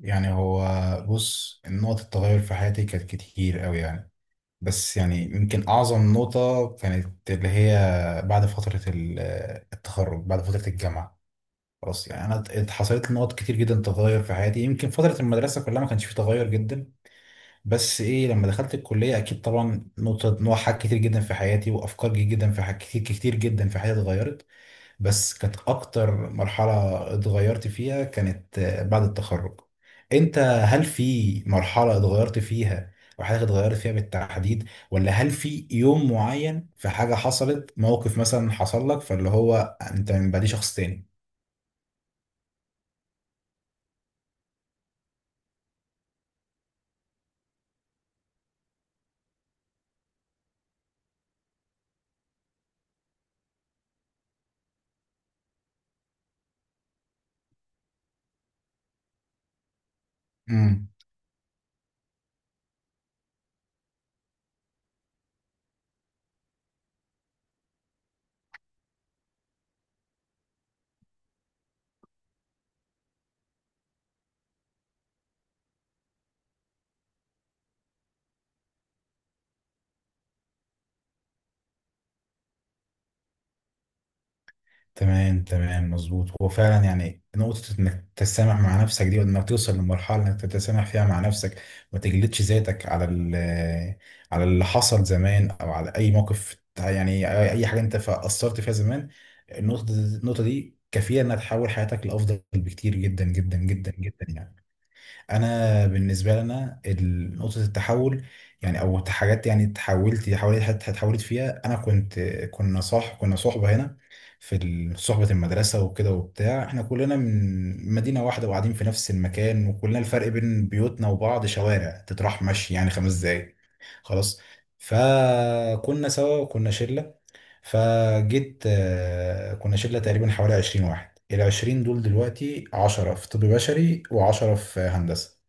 يعني هو، بص، نقط التغير في حياتي كانت كتير قوي يعني. بس يعني يمكن أعظم نقطة كانت اللي هي بعد فترة التخرج، بعد فترة الجامعة. خلاص يعني أنا حصلت لي نقط كتير جدا، تغير في حياتي. يمكن فترة المدرسة كلها ما كانش فيه تغير جدا، بس إيه، لما دخلت الكلية أكيد طبعا نقطة، نوع حاجات كتير جدا في حياتي وأفكار كتير جدا في حاجات كتير كتير جدا في حياتي اتغيرت. بس كانت اكتر مرحلة اتغيرت فيها كانت بعد التخرج. انت، هل في مرحلة اتغيرت فيها او حاجة اتغيرت فيها بالتحديد، ولا هل في يوم معين في حاجة حصلت، موقف مثلا حصل لك فاللي هو انت من بعديه شخص تاني؟ تمام تمام، مظبوط. هو فعلا يعني نقطة انك تتسامح مع نفسك دي، وانك توصل لمرحلة انك تتسامح فيها مع نفسك، ما تجلدش ذاتك على على اللي حصل زمان، او على اي موقف يعني اي حاجة انت قصرت فيها زمان. النقطة دي كفيلة انها تحول حياتك لافضل بكتير جدا جدا جدا جدا يعني. انا بالنسبه لنا نقطه التحول يعني او حاجات يعني اتحولت حوالي اتحولت فيها، انا كنت، كنا صحبه هنا في صحبه المدرسه وكده وبتاع. احنا كلنا من مدينه واحده وقاعدين في نفس المكان، وكلنا الفرق بين بيوتنا وبعض شوارع، تتراح مشي يعني خمس دقايق، خلاص. فكنا سوا وكنا شله، فجيت كنا شله تقريبا حوالي 20 واحد، ال 20 دول دلوقتي 10 في طب بشري و10 في هندسه.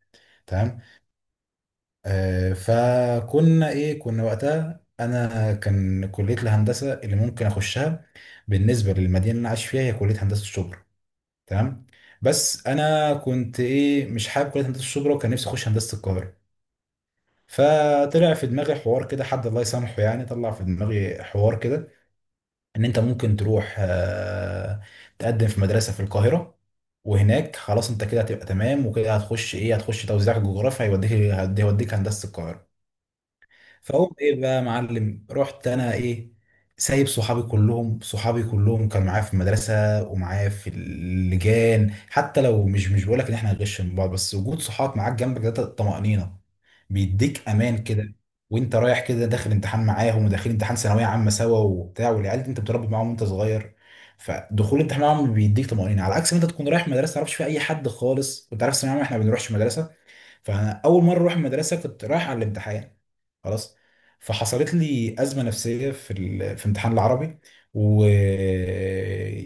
تمام. آه، فكنا ايه، كنا وقتها انا كان كليه الهندسه اللي ممكن اخشها بالنسبه للمدينه اللي انا عايش فيها هي كليه هندسه الشبرا، تمام. بس انا كنت ايه، مش حابب كليه هندسه الشبرا وكان نفسي اخش هندسه القاهره. فطلع في دماغي حوار كده، حد الله يسامحه، يعني طلع في دماغي حوار كده ان انت ممكن تروح تقدم في مدرسه في القاهره، وهناك خلاص انت كده هتبقى تمام، وكده هتخش ايه، هتخش توزيع جغرافيا، هيوديك هيوديك هندسه القاهره. فاقوم ايه بقى يا معلم، رحت انا ايه، سايب صحابي كلهم. صحابي كلهم كانوا معايا في المدرسه ومعايا في اللجان، حتى لو مش بقول لك ان احنا هنغش من بعض، بس وجود صحاب معاك جنبك ده طمأنينه، بيديك امان كده. وانت رايح كده داخل امتحان معاهم وداخلين امتحان ثانويه عامه سوا وبتاع، والعيال دي انت بتربي معاهم وانت صغير. فدخول الامتحان معاهم بيديك طمأنينه، على عكس ما انت تكون رايح مدرسه ما تعرفش فيها اي حد خالص، وانت عارف ثانويه عامه احنا ما بنروحش مدرسه، فانا اول مره اروح المدرسه كنت رايح على الامتحان، خلاص. فحصلت لي ازمه نفسيه في في امتحان العربي، و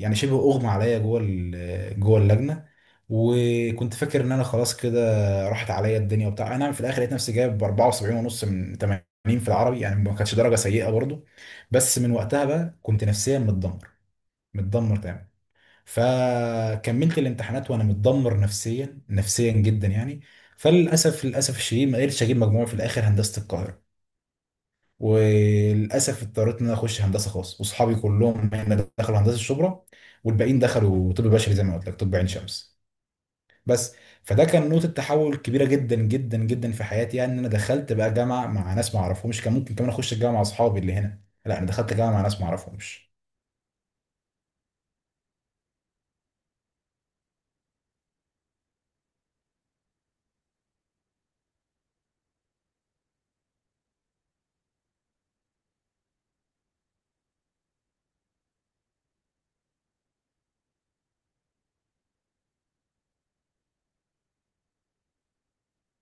يعني شبه اغمى عليا جوه جوه اللجنه، وكنت فاكر ان انا خلاص كده راحت عليا الدنيا وبتاع. انا في الاخر لقيت نفسي جايب 74 ونص من 80 في العربي، يعني ما كانتش درجه سيئه برضو، بس من وقتها بقى كنت نفسيا متدمر، متدمر تمام. فكملت الامتحانات وانا متدمر نفسيا، نفسيا جدا يعني. فللاسف الشديد ما قدرتش اجيب مجموع في الاخر هندسه القاهره، وللاسف اضطريت ان انا اخش هندسه خاص، واصحابي كلهم هنا دخلوا هندسه الشبرا، والباقيين دخلوا طب بشري زي ما قلت لك، طب عين شمس، بس. فده كان نقطة تحول كبيرة جدا جدا جدا في حياتي يعني، ان انا دخلت بقى جامعة مع ناس ما اعرفهمش. كان ممكن كمان اخش الجامعة مع اصحابي اللي هنا، لا انا دخلت جامعة مع ناس ما اعرفهمش.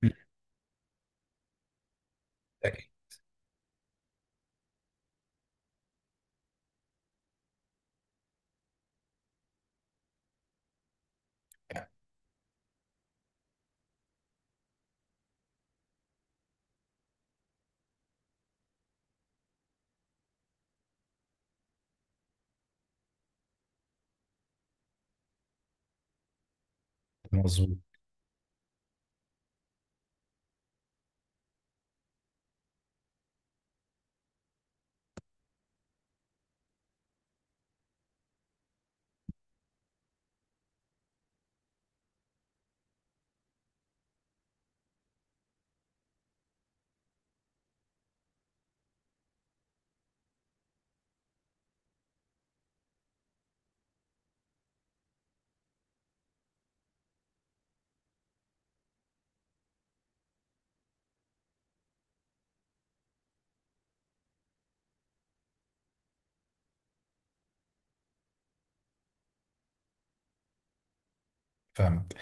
مم. أكيد. مظبوط. فاهمك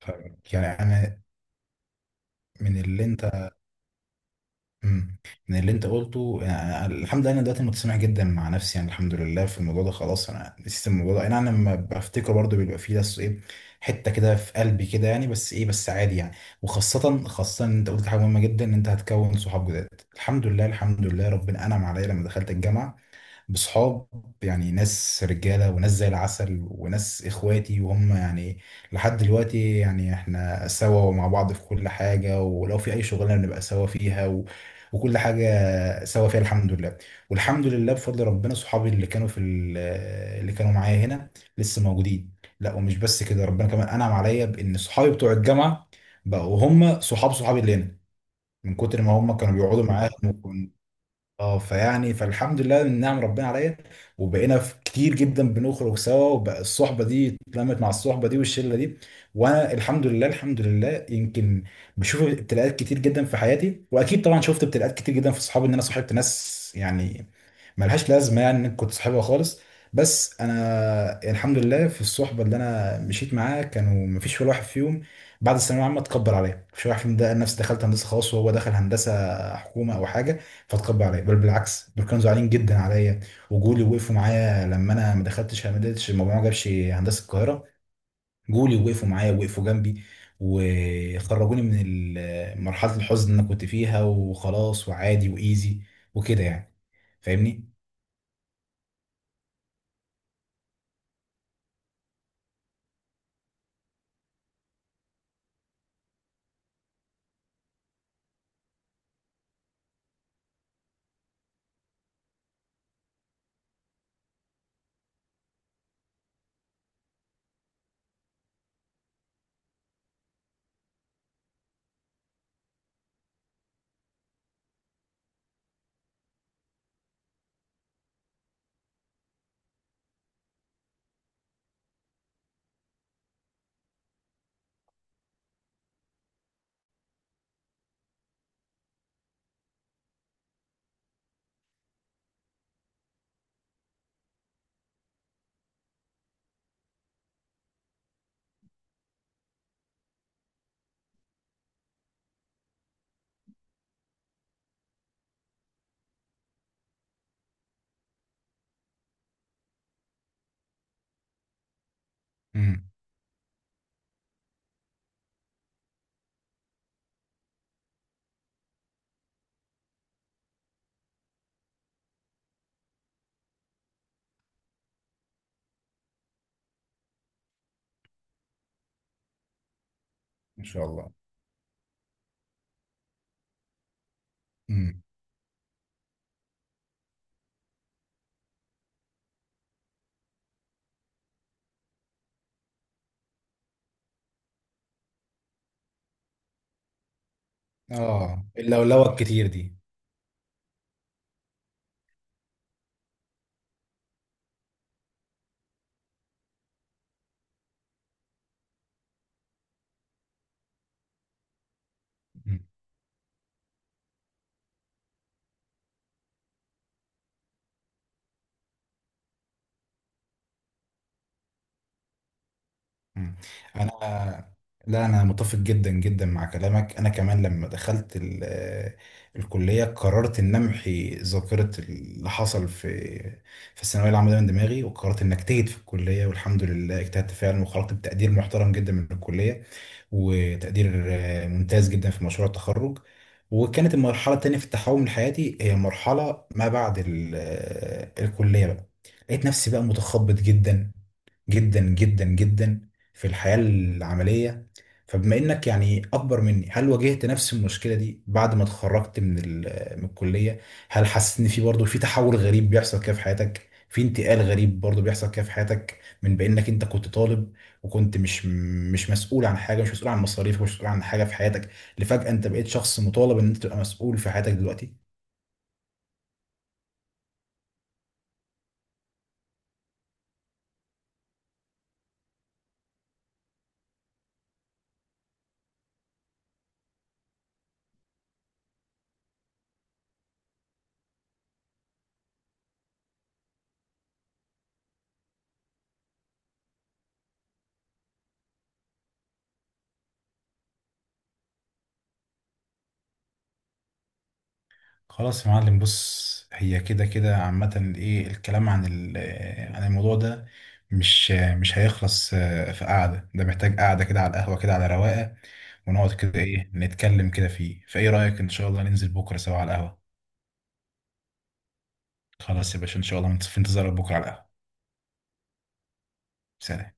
فاهمك يعني انا، من اللي انت، مم. من اللي انت قلته، يعني الحمد لله انا دلوقتي متسامح جدا مع نفسي، يعني الحمد لله في الموضوع ده خلاص، انا نسيت الموضوع ده. يعني انا لما بفتكره برضه بيبقى فيه بس ايه، حته كده في قلبي كده يعني، بس ايه بس عادي يعني. وخاصه خاصه ان انت قلت حاجه مهمه جدا، ان انت هتكون صحاب جداد. الحمد لله الحمد لله ربنا انعم عليا لما دخلت الجامعه بصحاب، يعني ناس رجالة وناس زي العسل وناس إخواتي وهم يعني لحد دلوقتي يعني إحنا سوا ومع بعض في كل حاجة، ولو في أي شغلانة بنبقى سوا فيها و... وكل حاجة سوا فيها، الحمد لله. والحمد لله بفضل ربنا صحابي اللي كانوا في اللي كانوا معايا هنا لسه موجودين. لا ومش بس كده، ربنا كمان أنعم عليا بإن صحابي بتوع الجامعة بقوا هم صحاب صحابي اللي هنا، من كتر ما هم كانوا بيقعدوا معاهم. اه، فيعني فالحمد لله من نعم ربنا عليا. وبقينا في كتير جدا بنخرج سوا، وبقى الصحبه دي اتلمت مع الصحبه دي والشله دي. وانا الحمد لله الحمد لله، يمكن بشوف ابتلاءات كتير جدا في حياتي، واكيد طبعا شفت ابتلاءات كتير جدا في صحابي، ان انا صاحبت ناس يعني ملهاش لازمه يعني إن كنت صاحبها خالص. بس انا الحمد لله في الصحبه اللي انا مشيت معاها كانوا مفيش ولا واحد فيهم بعد الثانويه العامه اتكبر عليا. مفيش واحد فيهم ده نفسي دخلت هندسه خاص وهو دخل هندسه حكومه او حاجه فاتكبر عليا، بل بالعكس دول كانوا زعلانين جدا عليا، وجولي وقفوا معايا لما انا ما دخلتش، ما قدرتش المجموعه ما جابش هندسه القاهره. جولي وقفوا معايا، وقفوا جنبي، وخرجوني من مرحله الحزن اللي انا كنت فيها. وخلاص وعادي وايزي وكده يعني، فاهمني. امم. ان شاء الله. امم. اه، اللولوه الكتير دي. إمم. مم. انا، لا انا متفق جدا جدا مع كلامك. انا كمان لما دخلت الكليه قررت ان امحي ذاكره اللي حصل في في الثانويه العامه ده من دماغي، وقررت ان اجتهد في الكليه، والحمد لله اجتهدت فعلا وخرجت بتقدير محترم جدا من الكليه، وتقدير ممتاز جدا في مشروع التخرج. وكانت المرحله التانيه في التحول حياتي هي مرحله ما بعد الكليه بقى. لقيت نفسي بقى متخبط جدا جدا جدا جدا في الحياة العملية. فبما انك يعني اكبر مني، هل واجهت نفس المشكلة دي بعد ما اتخرجت من من الكلية؟ هل حسيت ان في برضه في تحول غريب بيحصل كده في حياتك، في انتقال غريب برضه بيحصل كده في حياتك، من بانك انت كنت طالب وكنت مش مسؤول عن حاجة، مش مسؤول عن مصاريفك، مش مسؤول عن حاجة في حياتك، لفجأة انت بقيت شخص مطالب ان انت تبقى مسؤول في حياتك دلوقتي؟ خلاص يا معلم، بص، هي كده كده عامة ايه الكلام عن عن الموضوع ده مش هيخلص. في قعدة، ده محتاج قعدة كده على القهوة، كده على رواقة. ونقعد كده ايه نتكلم كده فيه، فايه رأيك ان شاء الله ننزل بكرة سوا على القهوة؟ خلاص يا باشا، ان شاء الله في انتظارك بكرة على القهوة. سلام.